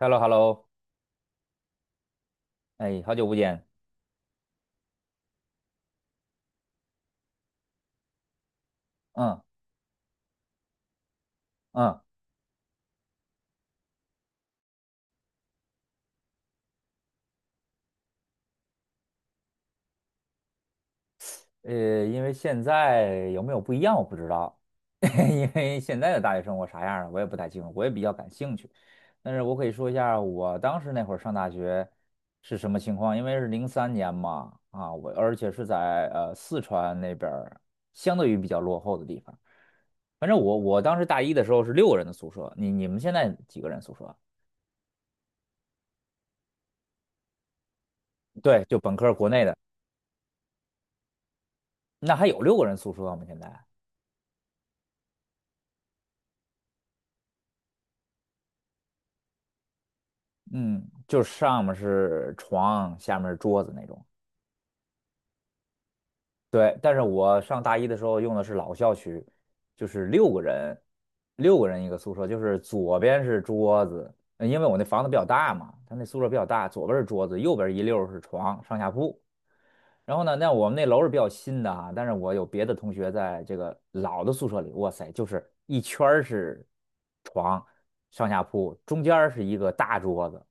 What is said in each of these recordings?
Hello,Hello,哎，好久不见。嗯嗯，因为现在有没有不一样我不知道，因为现在的大学生活啥样的，我也不太清楚，我也比较感兴趣。但是我可以说一下我当时那会儿上大学是什么情况，因为是03年嘛，啊，我而且是在四川那边儿相对于比较落后的地方。反正我当时大一的时候是六个人的宿舍，你们现在几个人宿舍？对，就本科国内的，那还有六个人宿舍吗？现在？嗯，就是上面是床，下面是桌子那种。对，但是我上大一的时候用的是老校区，就是六个人，六个人一个宿舍，就是左边是桌子，因为我那房子比较大嘛，他那宿舍比较大，左边是桌子，右边一溜儿是床，上下铺。然后呢，那我们那楼是比较新的啊，但是我有别的同学在这个老的宿舍里，哇塞，就是一圈儿是床，上下铺，中间儿是一个大桌子，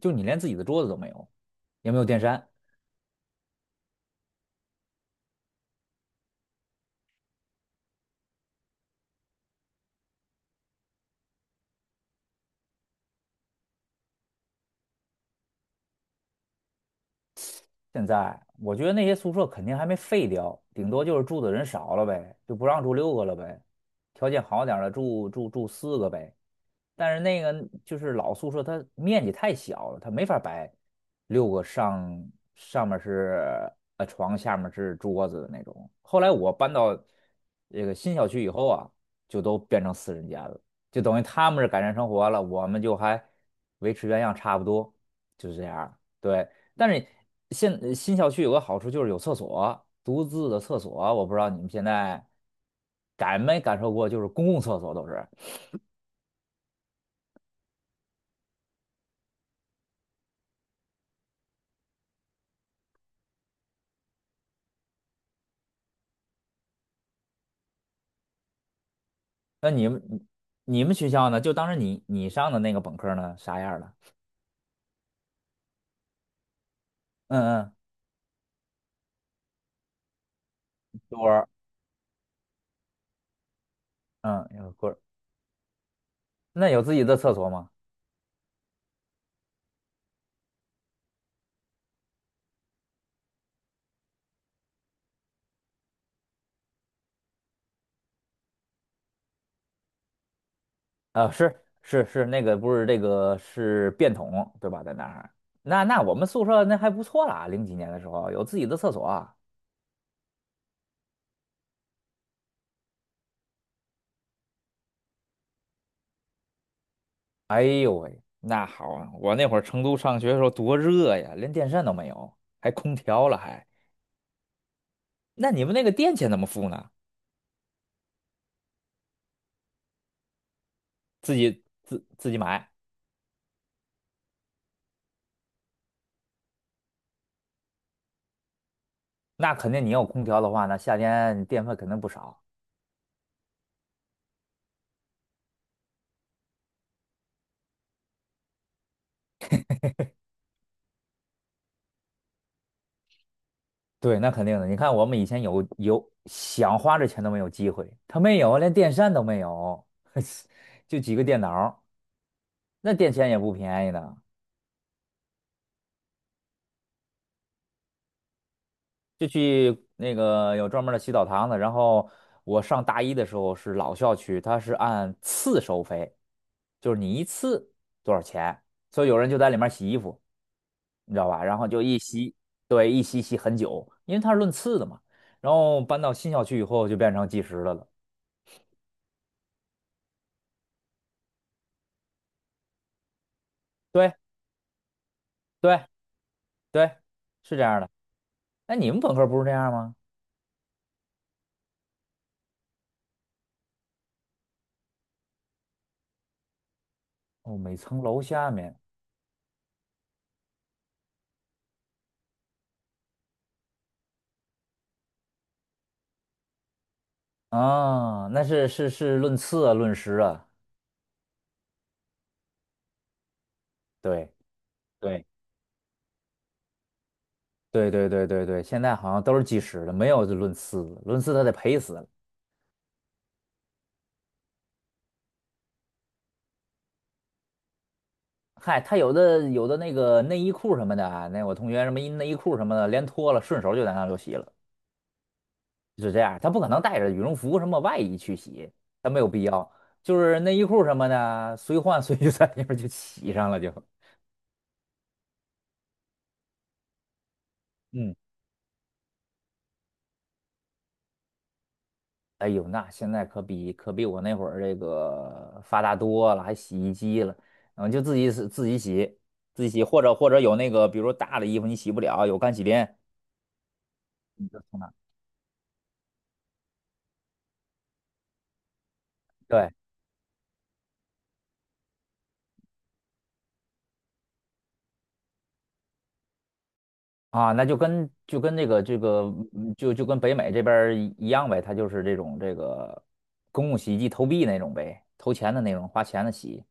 就你连自己的桌子都没有，也没有电扇。现在我觉得那些宿舍肯定还没废掉，顶多就是住的人少了呗，就不让住六个了呗，条件好点儿的住4个呗。但是那个就是老宿舍，它面积太小了，它没法摆六个上面是床，下面是桌子的那种。后来我搬到这个新小区以后啊，就都变成4人间了，就等于他们是改善生活了，我们就还维持原样差不多，就是这样对，但是现新小区有个好处就是有厕所，独自的厕所，我不知道你们现在感没感受过，就是公共厕所都是。那你们你们学校呢？就当时你上的那个本科呢，啥样的？嗯嗯，多儿，嗯，有个棍儿。那有自己的厕所吗？啊，是是是，那个不是这个是便桶对吧？在那儿，那那我们宿舍那还不错啦，0几年的时候有自己的厕所啊。哎呦喂，那好啊！我那会儿成都上学的时候多热呀，连电扇都没有，还空调了还。那你们那个电钱怎么付呢？自己自己买？那肯定你有空调的话那夏天你电费肯定不少。对，那肯定的。你看，我们以前有想花这钱都没有机会，他没有，连电扇都没有，就几个电脑儿那电钱也不便宜的。就去那个有专门儿的洗澡堂子，然后我上大一的时候是老校区，它是按次收费，就是你一次多少钱，所以有人就在里面洗衣服，你知道吧？然后就一洗，对，一洗洗很久，因为它是论次的嘛。然后搬到新校区以后就变成计时的了。对对对，是这样的。哎，你们本科不是这样吗？哦，每层楼下面啊，那是是是论次啊，论时啊。对对对对对对对，现在好像都是计时的，没有这论次，论次他得赔死了。嗨，他有的那个内衣裤什么的啊，那我同学什么一内衣裤什么的，连脱了，顺手就在那就洗了，是这样。他不可能带着羽绒服什么外衣去洗，他没有必要。就是内衣裤什么的，随换随 就在那边就洗上了就。嗯。哎呦，那现在可比我那会儿这个发达多了，还洗衣机了，嗯，就自己是自己洗，自己洗，或者有那个，比如大的衣服你洗不了，有干洗店，你就从那。对啊，那就就跟那个这个就跟北美这边儿一样呗，他就是这种这个公共洗衣机投币那种呗，投钱的那种，花钱的洗。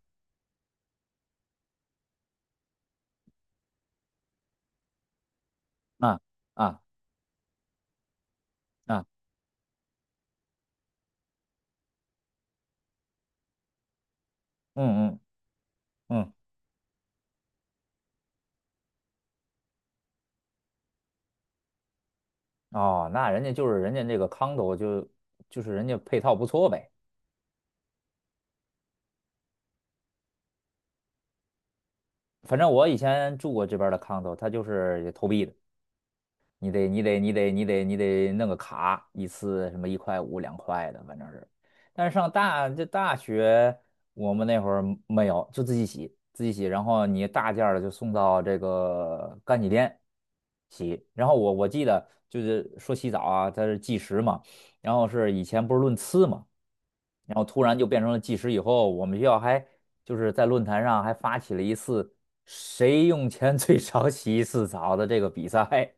啊啊啊，嗯嗯嗯，哦，那人家就是人家那个 condo 就就是人家配套不错呗。反正我以前住过这边的 condo，它就是投币的，你得弄个卡，一次什么一块五2块的，反正是。但是上大这大学，我们那会儿没有，就自己洗自己洗，然后你大件儿的就送到这个干洗店洗。然后我记得就是说洗澡啊，它是计时嘛，然后是以前不是论次嘛。然后突然就变成了计时以后，我们学校还就是在论坛上还发起了一次谁用钱最少洗一次澡的这个比赛。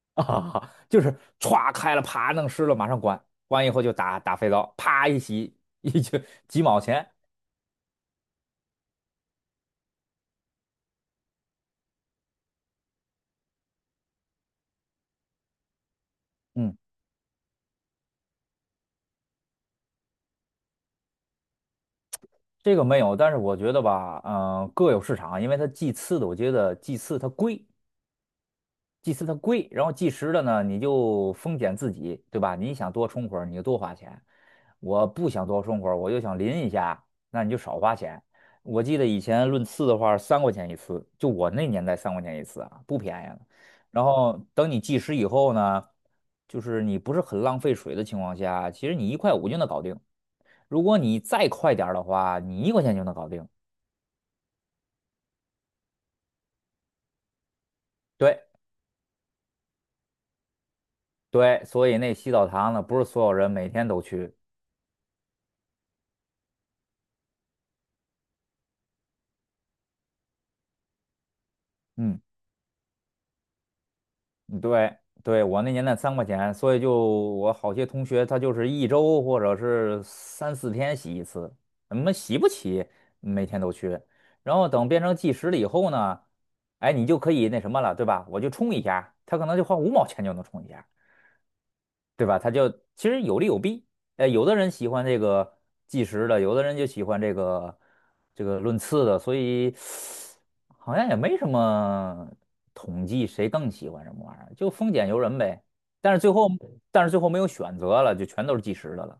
啊，就是歘开了，啪弄湿了，马上关，关以后就打打肥皂，啪一洗，一就几毛钱。嗯，这个没有，但是我觉得吧，各有市场，因为它祭祀的，我觉得祭祀它贵，祭祀它贵，然后计时的呢，你就风险自己，对吧？你想多充会儿，你就多花钱；我不想多充会儿，我就想淋一下，那你就少花钱。我记得以前论次的话，三块钱一次，就我那年代三块钱一次啊，不便宜了。然后等你计时以后呢，就是你不是很浪费水的情况下，其实你一块五就能搞定。如果你再快点儿的话，你1块钱就能搞定。对对，所以那洗澡堂呢，不是所有人每天都去。嗯。对对，我那年代三块钱，所以就我好些同学他就是一周或者是3、4天洗一次，我么洗不起，每天都去。然后等变成计时了以后呢，哎，你就可以那什么了，对吧？我就充一下，他可能就花5毛钱就能充一下。对吧？他就其实有利有弊。有的人喜欢这个计时的，有的人就喜欢这个论次的，所以好像也没什么统计谁更喜欢什么玩意儿，就丰俭由人呗。但是最后，但是最后没有选择了，就全都是计时的了。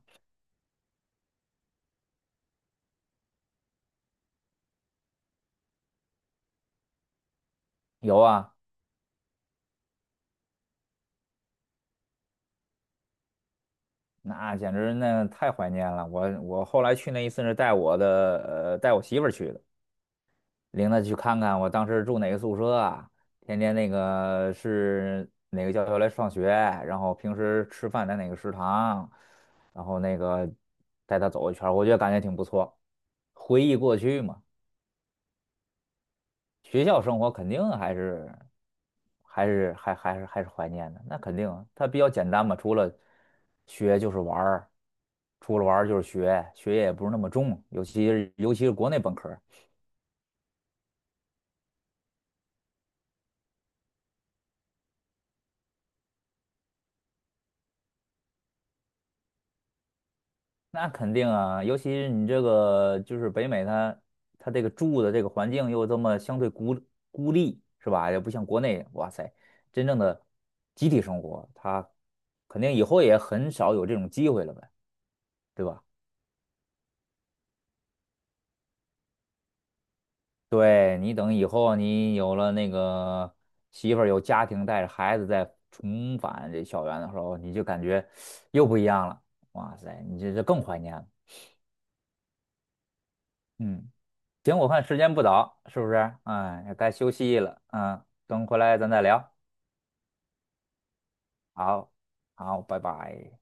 有啊，那简直那太怀念了。我后来去那一次是带我的带我媳妇儿去的。领他去看看我当时住哪个宿舍啊，天天那个是哪个教学来上学，然后平时吃饭在哪个食堂，然后那个带他走一圈儿我觉得感觉挺不错。回忆过去嘛，学校生活肯定还是怀念的，那肯定啊它比较简单嘛，除了学就是玩儿，除了玩儿就是学，学业也不是那么重，尤其是国内本科。那肯定啊，尤其是你这个就是北美它，它这个住的这个环境又这么相对孤立，是吧？也不像国内，哇塞，真正的集体生活，它肯定以后也很少有这种机会了呗，对吧？对，你等以后你有了那个媳妇儿，有家庭，带着孩子再重返这校园的时候，你就感觉又不一样了，哇塞，你这这更怀念了，嗯。行，我看时间不早，是不是？哎，也该休息了。嗯，等回来咱再聊。好，好，拜拜。